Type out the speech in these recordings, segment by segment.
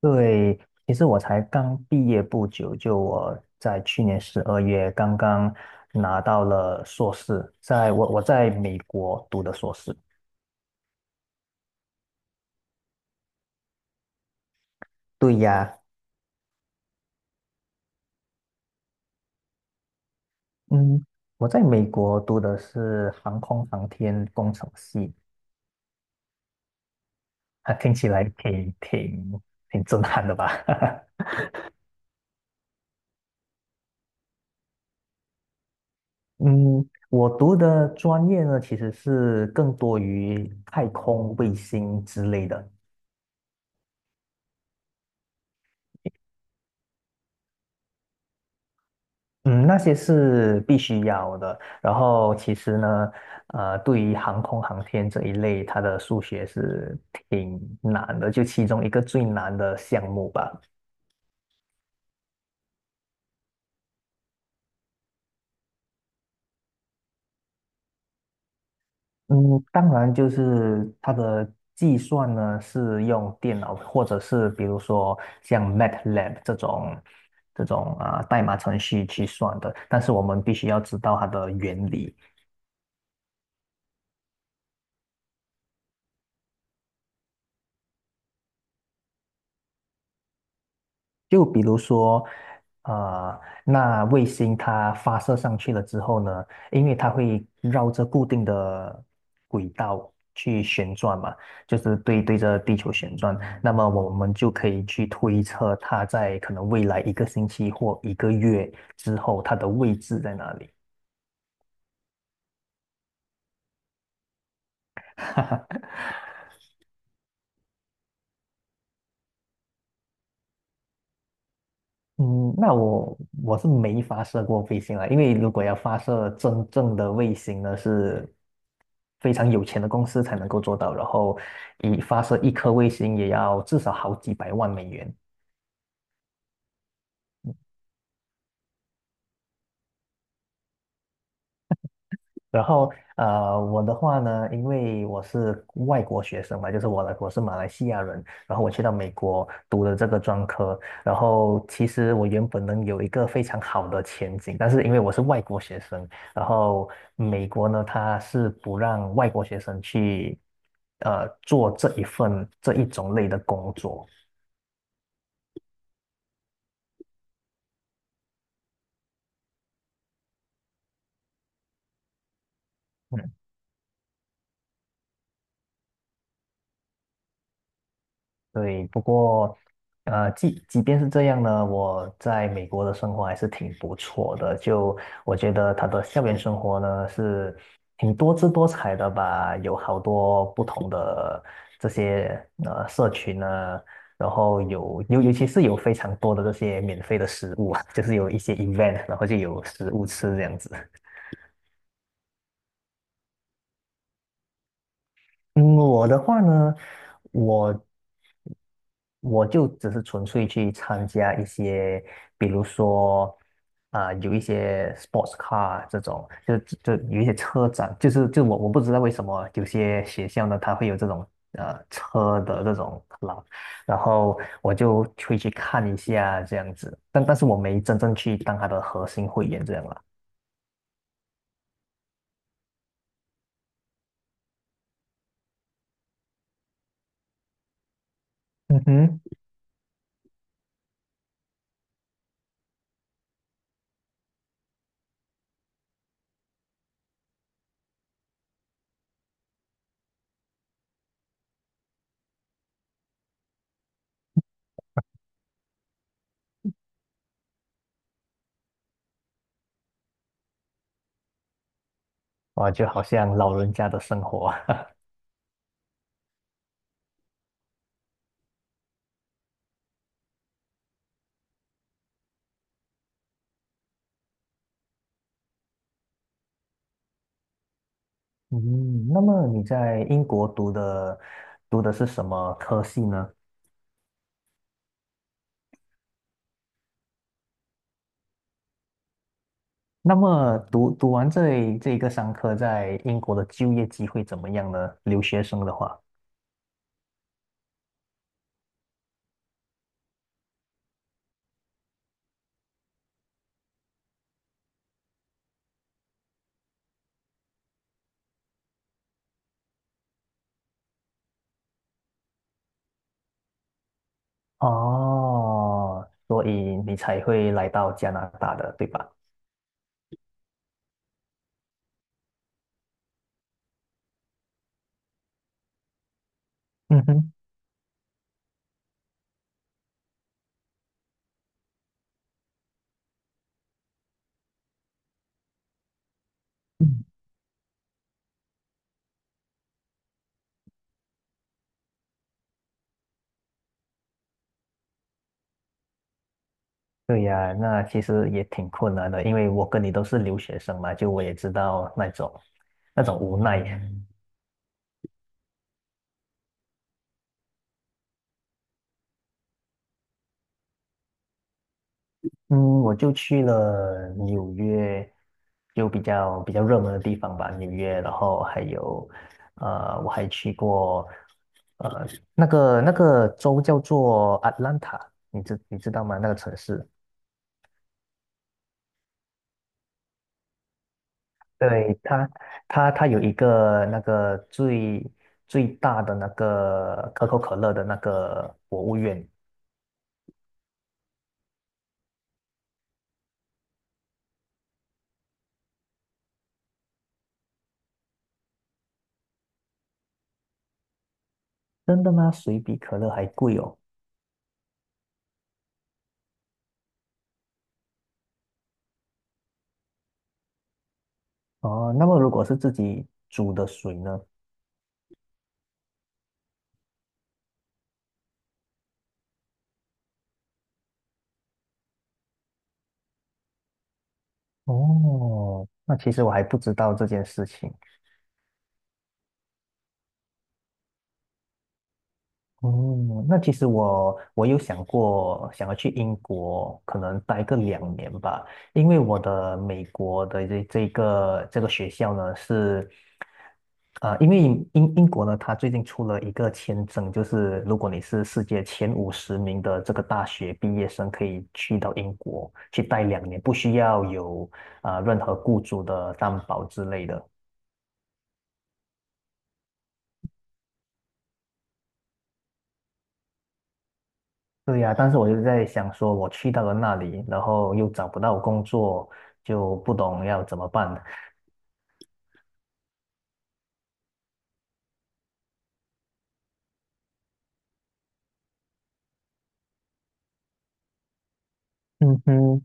对，其实我才刚毕业不久，就我在去年12月刚刚拿到了硕士，在我在美国读的硕士。对呀，嗯，我在美国读的是航空航天工程系，啊，听起来挺震撼的吧？嗯，我读的专业呢，其实是更多于太空卫星之类的，嗯，那些是必须要的。然后其实呢，对于航空航天这一类，它的数学是挺难的，就其中一个最难的项目吧。嗯，当然就是它的计算呢，是用电脑或者是比如说像 MATLAB 这种代码程序去算的，但是我们必须要知道它的原理。就比如说，呃，那卫星它发射上去了之后呢，因为它会绕着固定的轨道去旋转嘛，就是对着地球旋转，那么我们就可以去推测它在可能未来一个星期或一个月之后它的位置在哪里。嗯，那我是没发射过卫星啊，因为如果要发射真正的卫星呢，是非常有钱的公司才能够做到，然后一发射一颗卫星也要至少好几百万美元。然后我的话呢，因为我是外国学生嘛，就是我是马来西亚人，然后我去到美国读的这个专科，然后其实我原本能有一个非常好的前景，但是因为我是外国学生，然后美国呢，它是不让外国学生去做这一种类的工作。嗯。对，不过，即便是这样呢，我在美国的生活还是挺不错的。就我觉得他的校园生活呢是挺多姿多彩的吧，有好多不同的这些社群啊，然后有尤其是有非常多的这些免费的食物啊，就是有一些 event,然后就有食物吃这样子。嗯，我的话呢，我我就只是纯粹去参加一些，比如说有一些 sports car 这种，就有一些车展，就是我不知道为什么有些学校呢，它会有这种车的这种 club,然后我就会去看一下这样子，但是我没真正去当它的核心会员这样啦。嗯哼，哇，就好像老人家的生活。嗯，那么你在英国读的是什么科系呢？那么读完这一个商科，在英国的就业机会怎么样呢？留学生的话，哦，所以你才会来到加拿大的，对吧？嗯哼，嗯对呀，那其实也挺困难的，因为我跟你都是留学生嘛，就我也知道那种无奈。嗯，我就去了纽约，就比较热门的地方吧，纽约，然后还有，我还去过，呃，那个州叫做 Atlanta,你知道吗？那个城市，对，它有一个那个最大的那个可口可乐的那个博物院，真的吗？水比可乐还贵哦。哦，那么如果是自己煮的水呢？哦，那其实我还不知道这件事情。哦，那其实我有想过想要去英国，可能待个两年吧，因为我的美国的这个学校呢是，因为英国呢，它最近出了一个签证，就是如果你是世界前50名的这个大学毕业生，可以去到英国去待两年，不需要有任何雇主的担保之类的。对呀，但是我就在想说，我去到了那里，然后又找不到工作，就不懂要怎么办。嗯哼，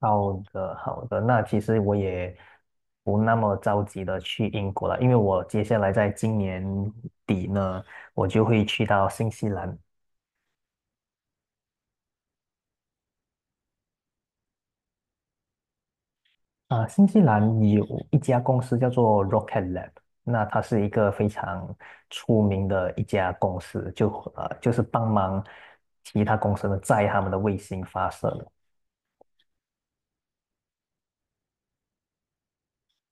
好的，好的。那其实我也不那么着急的去英国了，因为我接下来在今年底呢，我就会去到新西兰。新西兰有一家公司叫做 Rocket Lab,那它是一个非常出名的一家公司，就是帮忙其他公司呢载他们的卫星发射的。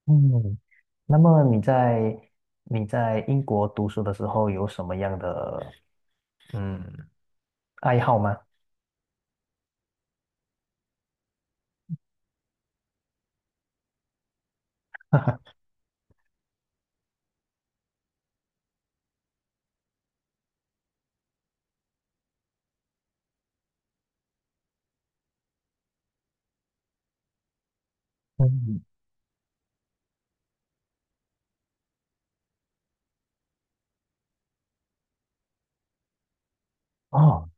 嗯，那么你在英国读书的时候有什么样的嗯爱好吗？嗯，哦，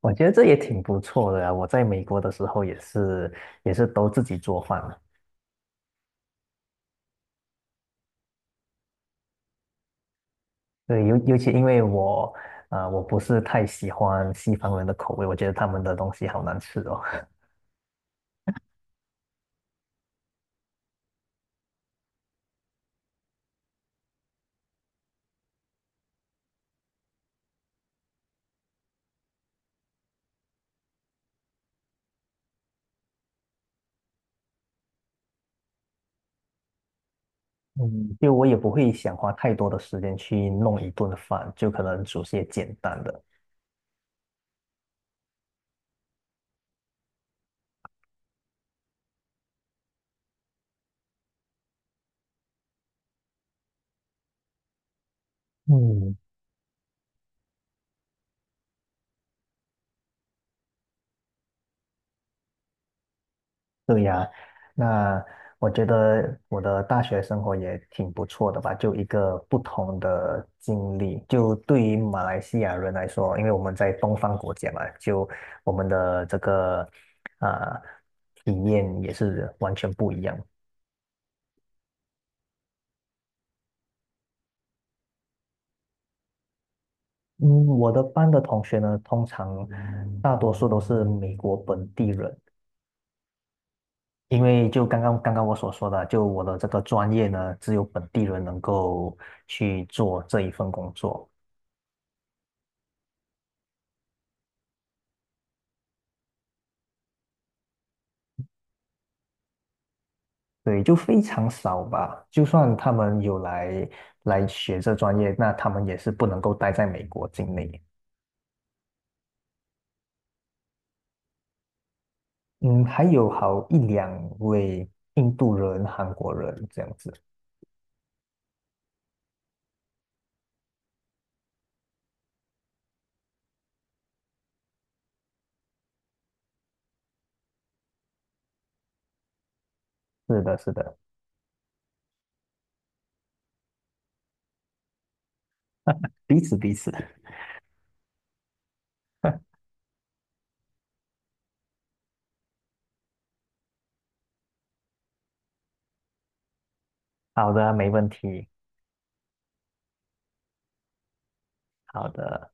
我觉得这也挺不错的呀。我在美国的时候也是都自己做饭了。对，尤其因为我不是太喜欢西方人的口味，我觉得他们的东西好难吃哦。嗯，就我也不会想花太多的时间去弄一顿饭，就可能煮些简单的。嗯。对呀，那我觉得我的大学生活也挺不错的吧，就一个不同的经历。就对于马来西亚人来说，因为我们在东方国家嘛，就我们的这个啊、体验也是完全不一样。嗯，我的班的同学呢，通常大多数都是美国本地人，因为就刚刚我所说的，就我的这个专业呢，只有本地人能够去做这一份工作。对，就非常少吧。就算他们有来学这专业，那他们也是不能够待在美国境内。嗯，还有好一两位印度人、韩国人这样子。是的，是的，彼此彼此。好的，没问题。好的。